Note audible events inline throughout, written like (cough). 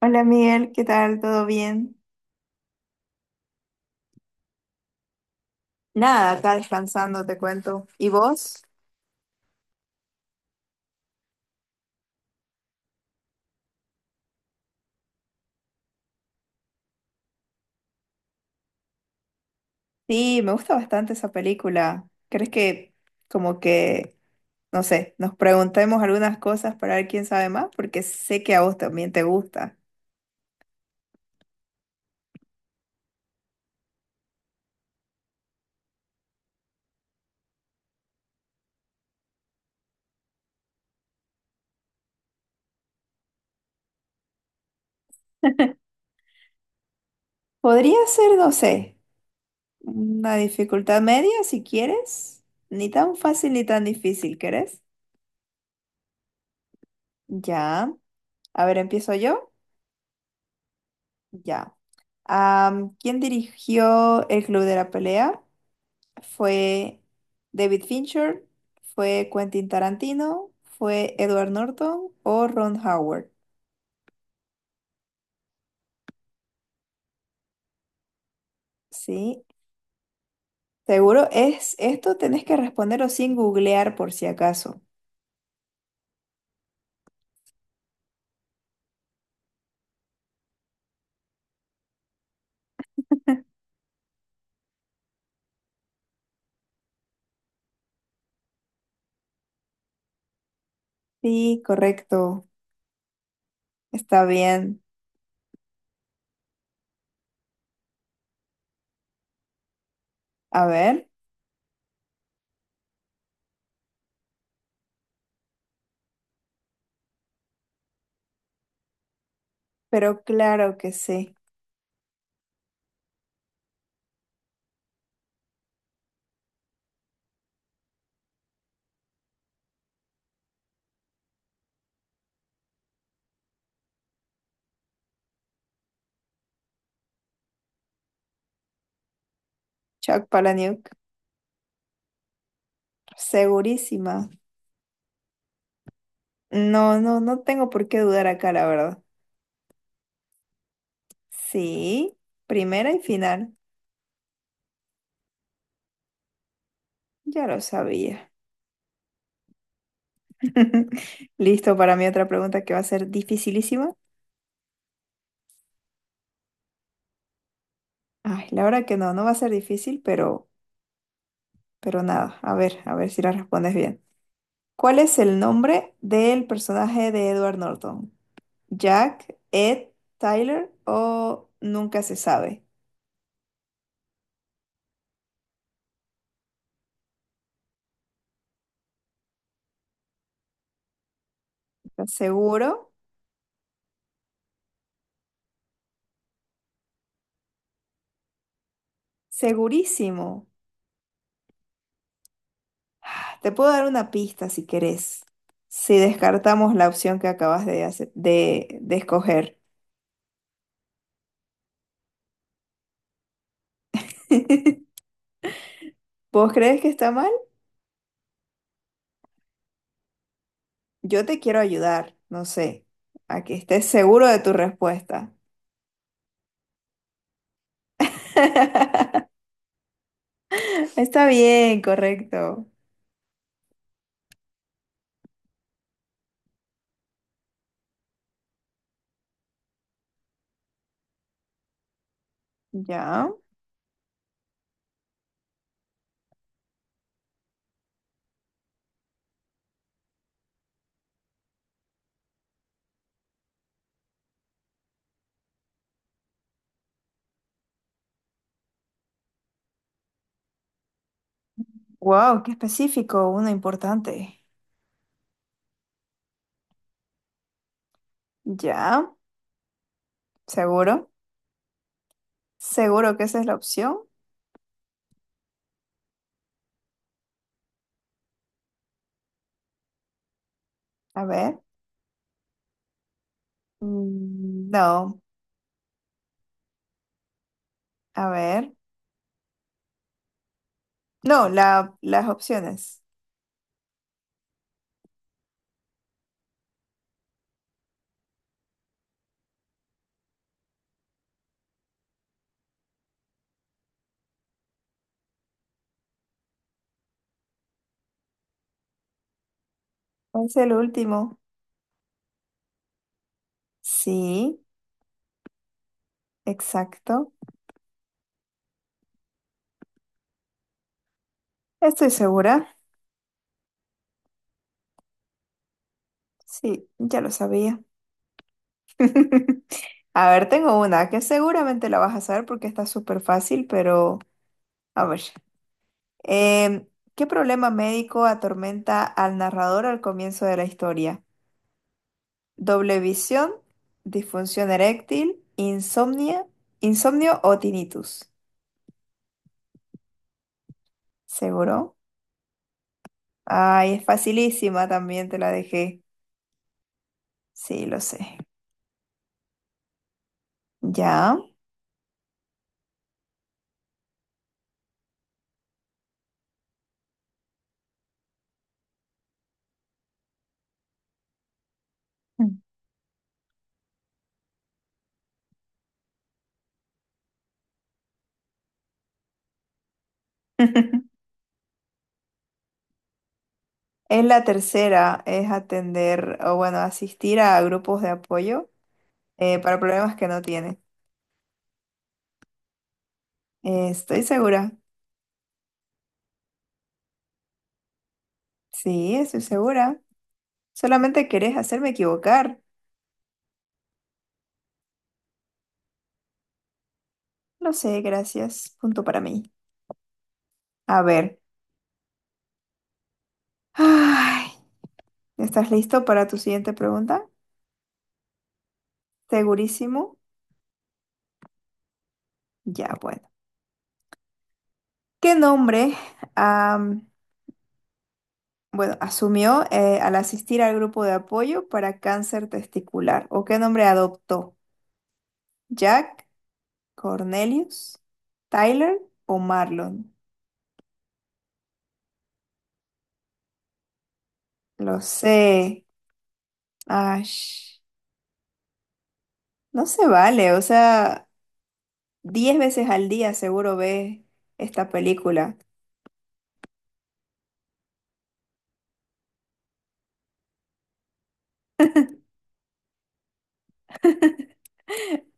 Hola Miguel, ¿qué tal? ¿Todo bien? Nada, acá descansando, te cuento. ¿Y vos? Sí, me gusta bastante esa película. ¿Crees que como que, no sé, nos preguntemos algunas cosas para ver quién sabe más? Porque sé que a vos también te gusta. Podría ser, no sé. Una dificultad media, si quieres. Ni tan fácil ni tan difícil, ¿querés? Ya. A ver, empiezo yo. Ya. ¿Quién dirigió el Club de la Pelea? ¿Fue David Fincher? ¿Fue Quentin Tarantino? ¿Fue Edward Norton o Ron Howard? Sí. Seguro es esto, tenés que responderlo sin googlear por si acaso. Sí, correcto. Está bien. A ver, pero claro que sí. Chuck Palahniuk, segurísima. No, no, tengo por qué dudar acá, la verdad. Sí, primera y final. Ya lo sabía. (laughs) Listo para mi otra pregunta que va a ser dificilísima. Ay, la verdad que no va a ser difícil, pero nada. A ver si la respondes bien. ¿Cuál es el nombre del personaje de Edward Norton? ¿Jack, Ed, Tyler o nunca se sabe? ¿Estás seguro? Segurísimo. Te puedo dar una pista si querés, si descartamos la opción que de escoger. (laughs) ¿Vos crees que está mal? Yo te quiero ayudar, no sé, a que estés seguro de tu respuesta. (laughs) Está bien, correcto. Ya. Wow, qué específico, uno importante. Ya, seguro. Seguro que esa es la opción. A ver. No, a ver. No, las opciones. Es el último. Sí, exacto. Estoy segura. Sí, ya lo sabía. (laughs) A ver, tengo una que seguramente la vas a saber porque está súper fácil, pero a ver. Em, ¿Qué problema médico atormenta al narrador al comienzo de la historia? ¿Doble visión, disfunción eréctil, insomnio o tinnitus? ¿Seguro? Ay, es facilísima, también te la dejé. Sí, lo sé. Ya. Mm. (laughs) Es la tercera, es atender o bueno, asistir a grupos de apoyo para problemas que no tiene. Estoy segura. Sí, estoy segura. Solamente querés hacerme equivocar. Lo sé, gracias. Punto para mí. A ver. Ay, ¿estás listo para tu siguiente pregunta? Segurísimo. Ya, bueno. ¿Qué nombre, am, bueno, asumió al asistir al grupo de apoyo para cáncer testicular? ¿O qué nombre adoptó? ¿Jack? Cornelius, Tyler o Marlon. Lo sé. Ash, no se vale. O sea, 10 veces al día seguro ves esta película.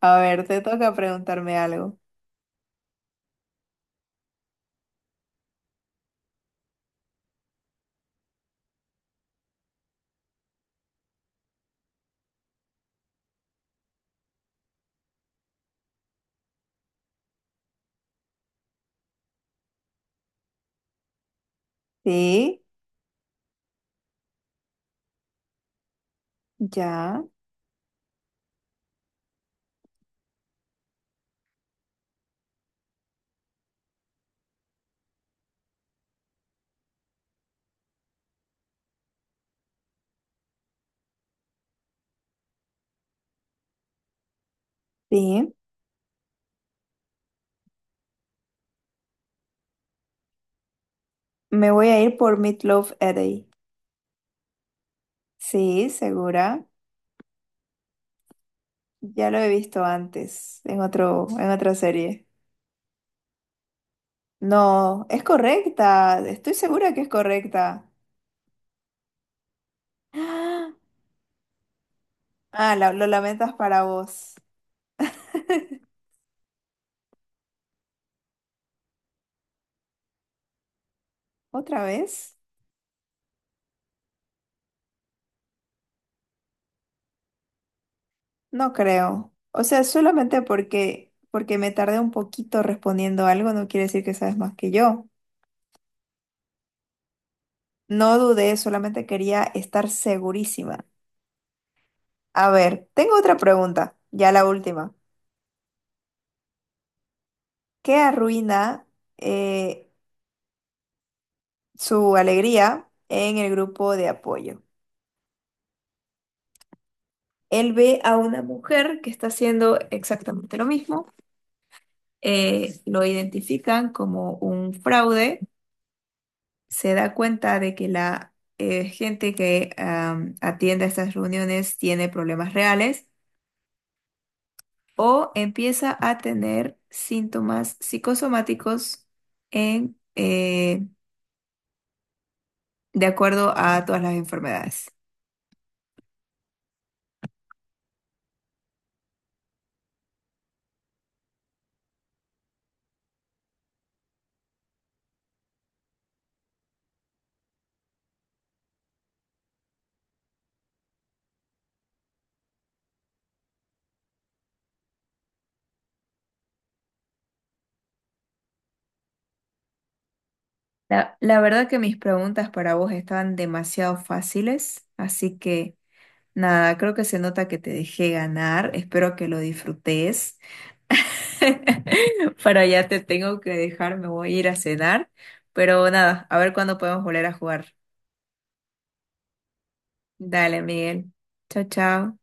A ver, te toca preguntarme algo. Sí, ya, sí. Me voy a ir por Meatloaf Eddy. Sí, segura. Ya lo he visto antes, en en otra serie. No, es correcta. Estoy segura que es correcta. (gasps) Ah, lo lamentas para vos. ¿Otra vez? No creo. O sea, porque me tardé un poquito respondiendo algo no quiere decir que sabes más que yo. No dudé, solamente quería estar segurísima. A ver, tengo otra pregunta, ya la última. ¿Qué arruina eh, su alegría en el grupo de apoyo? Él ve a una mujer que está haciendo exactamente lo mismo, lo identifican como un fraude, se da cuenta de que la gente que atiende a estas reuniones tiene problemas reales o empieza a tener síntomas psicosomáticos en, eh, de acuerdo a todas las enfermedades. La verdad que mis preguntas para vos estaban demasiado fáciles, así que nada, creo que se nota que te dejé ganar, espero que lo disfrutes. (laughs) Para allá te tengo que dejar, me voy a ir a cenar, pero nada, a ver cuándo podemos volver a jugar. Dale, Miguel. Chao, chao.